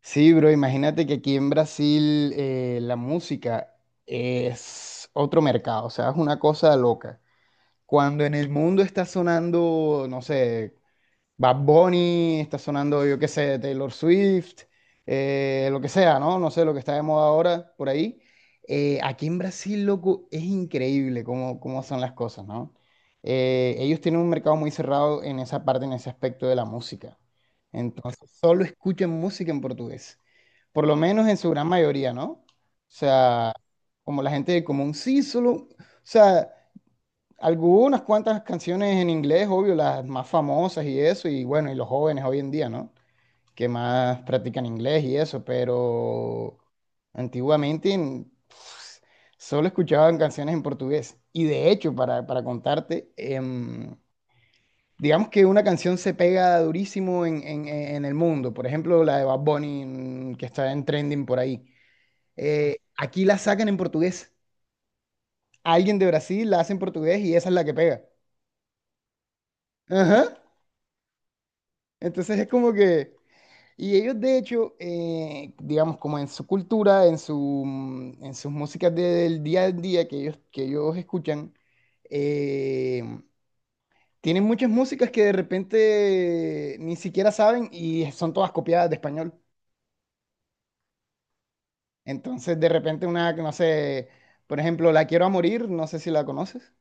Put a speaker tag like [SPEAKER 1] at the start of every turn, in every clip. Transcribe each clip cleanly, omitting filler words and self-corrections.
[SPEAKER 1] Sí, bro, imagínate que aquí en Brasil la música es otro mercado, o sea, es una cosa loca. Cuando en el mundo está sonando, no sé, Bad Bunny, está sonando, yo qué sé, Taylor Swift, lo que sea, ¿no? No sé, lo que está de moda ahora por ahí. Aquí en Brasil, loco, es increíble cómo, cómo son las cosas, ¿no? Ellos tienen un mercado muy cerrado en esa parte, en ese aspecto de la música. Entonces, solo escuchan música en portugués, por lo menos en su gran mayoría, ¿no? O sea, como la gente del común, sí, solo, o sea... Algunas cuantas canciones en inglés, obvio, las más famosas y eso, y bueno, y los jóvenes hoy en día, ¿no? Que más practican inglés y eso, pero antiguamente solo escuchaban canciones en portugués. Y de hecho, para contarte, digamos que una canción se pega durísimo en el mundo, por ejemplo, la de Bad Bunny que está en trending por ahí. Aquí la sacan en portugués. Alguien de Brasil la hace en portugués y esa es la que pega. Ajá. Entonces es como que, y ellos de hecho, digamos, como en su cultura, en su, en sus músicas del día a día que ellos escuchan, eh, tienen muchas músicas que de repente ni siquiera saben y son todas copiadas de español. Entonces de repente una, que no sé, por ejemplo, La Quiero a Morir, no sé si la conoces.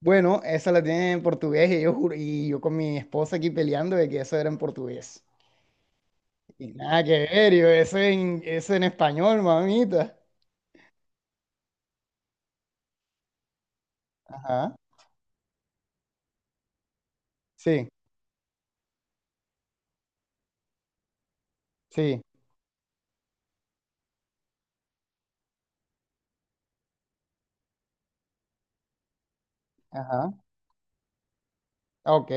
[SPEAKER 1] Bueno, esa la tienen en portugués y y yo con mi esposa aquí peleando de que eso era en portugués. Y nada que ver, yo, eso en, eso en español, mamita. Ajá, sí, sí, ajá, ok,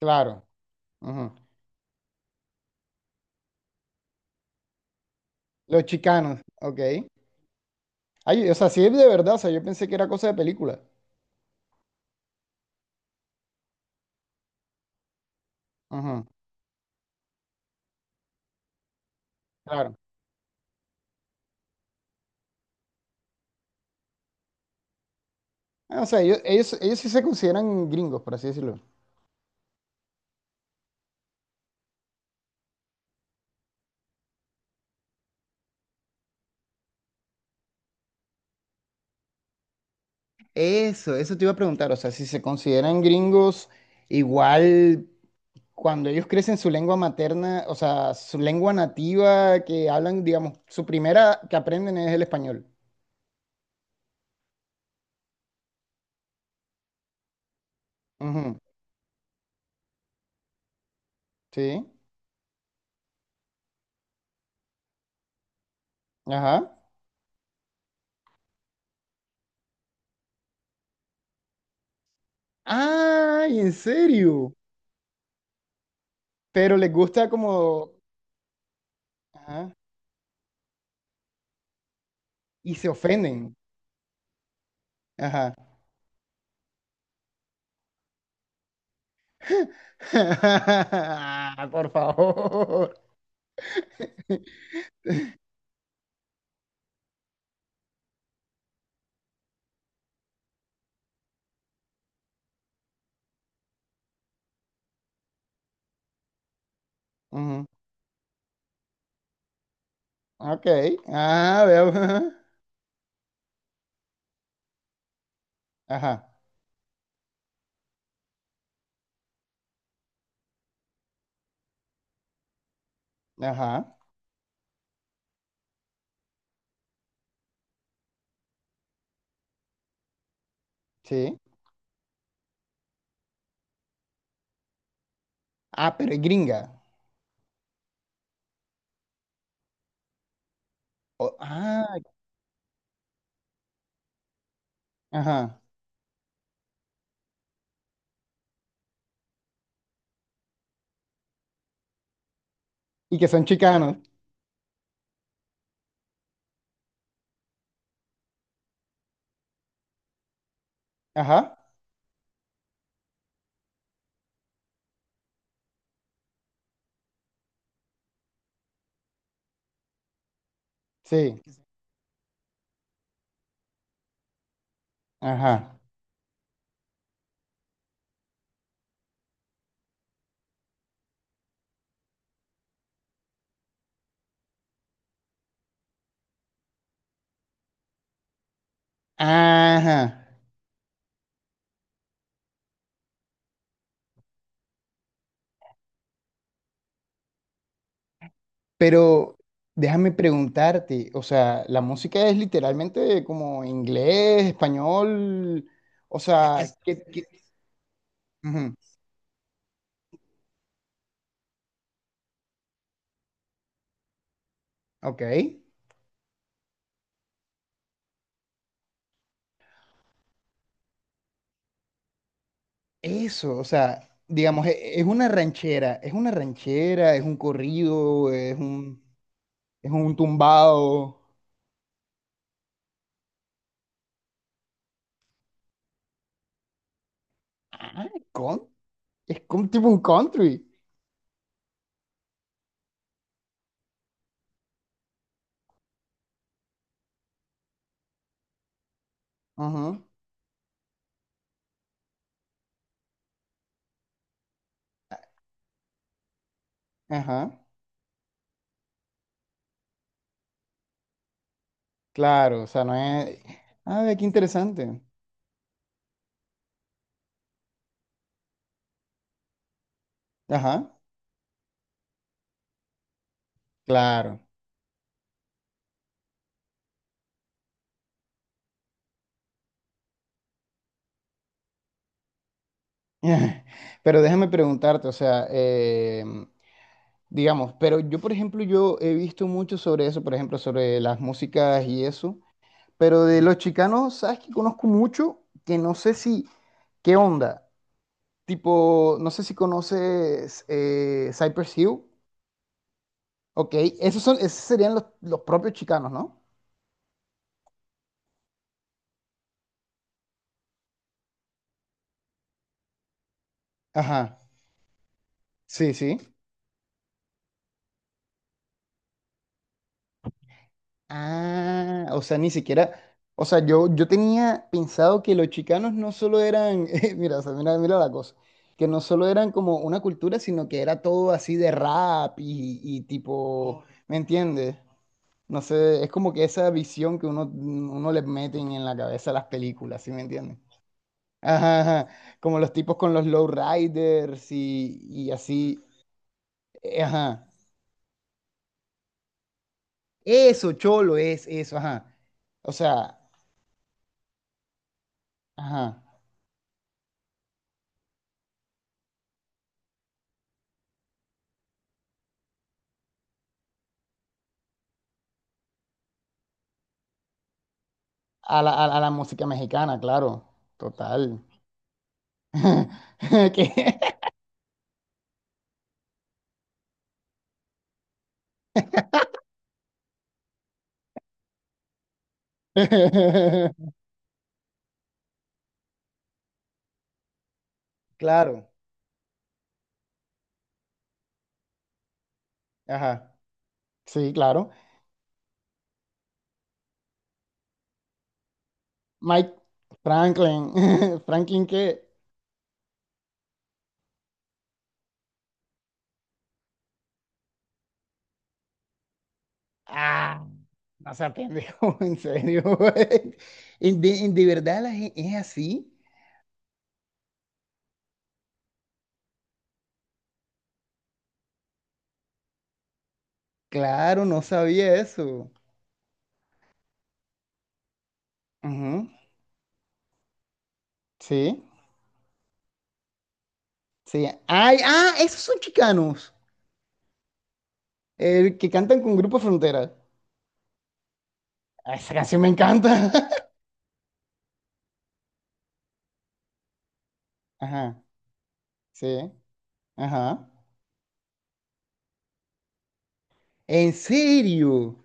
[SPEAKER 1] claro. Ujú. Los chicanos, ok. Ay, o sea, sí es de verdad, o sea, yo pensé que era cosa de película. Ujú, claro. Ah, o sea, ellos sí se consideran gringos, por así decirlo. Eso te iba a preguntar, o sea, si se consideran gringos, igual cuando ellos crecen su lengua materna, o sea, su lengua nativa que hablan, digamos, su primera que aprenden es el español. Ujú, sí, ajá. ¡Ay, en serio! Pero les gusta como... Ajá. Y se ofenden. Ajá. Por favor. Ujú, ok. Ah, veo. Ajá. Ajá. Ajá. Sí. Ah, pero es gringa. Ah, ajá. Y que son chicanos. Ajá. Sí. Ajá. Ajá. Pero déjame preguntarte, o sea, la música es literalmente como inglés, español, o sea, ¿qué, qué? Ujú, ok, eso, o sea, digamos, es una ranchera, es una ranchera, es un corrido, es un tumbado, ah, con, es como tipo un country, ajá, ajá, claro, o sea, no es, ah, qué interesante, ajá, claro. Pero déjame preguntarte, o sea, digamos, pero yo, por ejemplo, yo he visto mucho sobre eso, por ejemplo, sobre las músicas y eso, pero de los chicanos, ¿sabes que conozco mucho? Que no sé si, ¿qué onda? Tipo, no sé si conoces Cypress Hill, ok, esos son, esos serían los propios chicanos, ¿no? Ajá, sí, sí. Ah, o sea, ni siquiera, o sea, yo tenía pensado que los chicanos no solo eran, mira, o sea, mira, mira la cosa, que no solo eran como una cultura, sino que era todo así de rap y tipo, ¿me entiendes? No sé, es como que esa visión que uno, uno le meten en la cabeza a las películas, ¿sí me entiendes? Ajá, ajá, como los tipos con los lowriders y así, ajá. Eso, cholo, es eso, ajá. O sea, ajá. A la música mexicana, claro, total. ¿Qué? Claro, ajá, sí, claro. Mike Franklin, Franklin que... Ah, no se pendejo, en serio. Güey. ¿Y de verdad es así? Claro, no sabía eso. Ujú, sí, sí. Ay, ah, esos son chicanos, el que cantan con Grupo Frontera. Ah, esa canción me encanta. Ajá, sí, ajá. ¿En serio?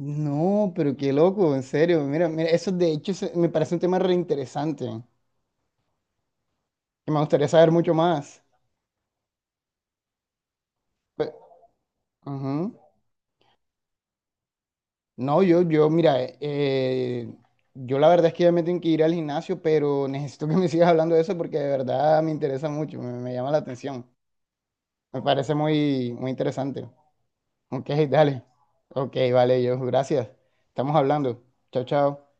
[SPEAKER 1] No, pero qué loco, en serio. Mira, mira, eso de hecho me parece un tema reinteresante, que me gustaría saber mucho más. Pe- ujú. No, mira, yo la verdad es que ya me tengo que ir al gimnasio, pero necesito que me sigas hablando de eso porque de verdad me interesa mucho, me llama la atención. Me parece muy, muy interesante. Ok, dale. Ok, vale, yo, gracias. Estamos hablando. Chao, chao.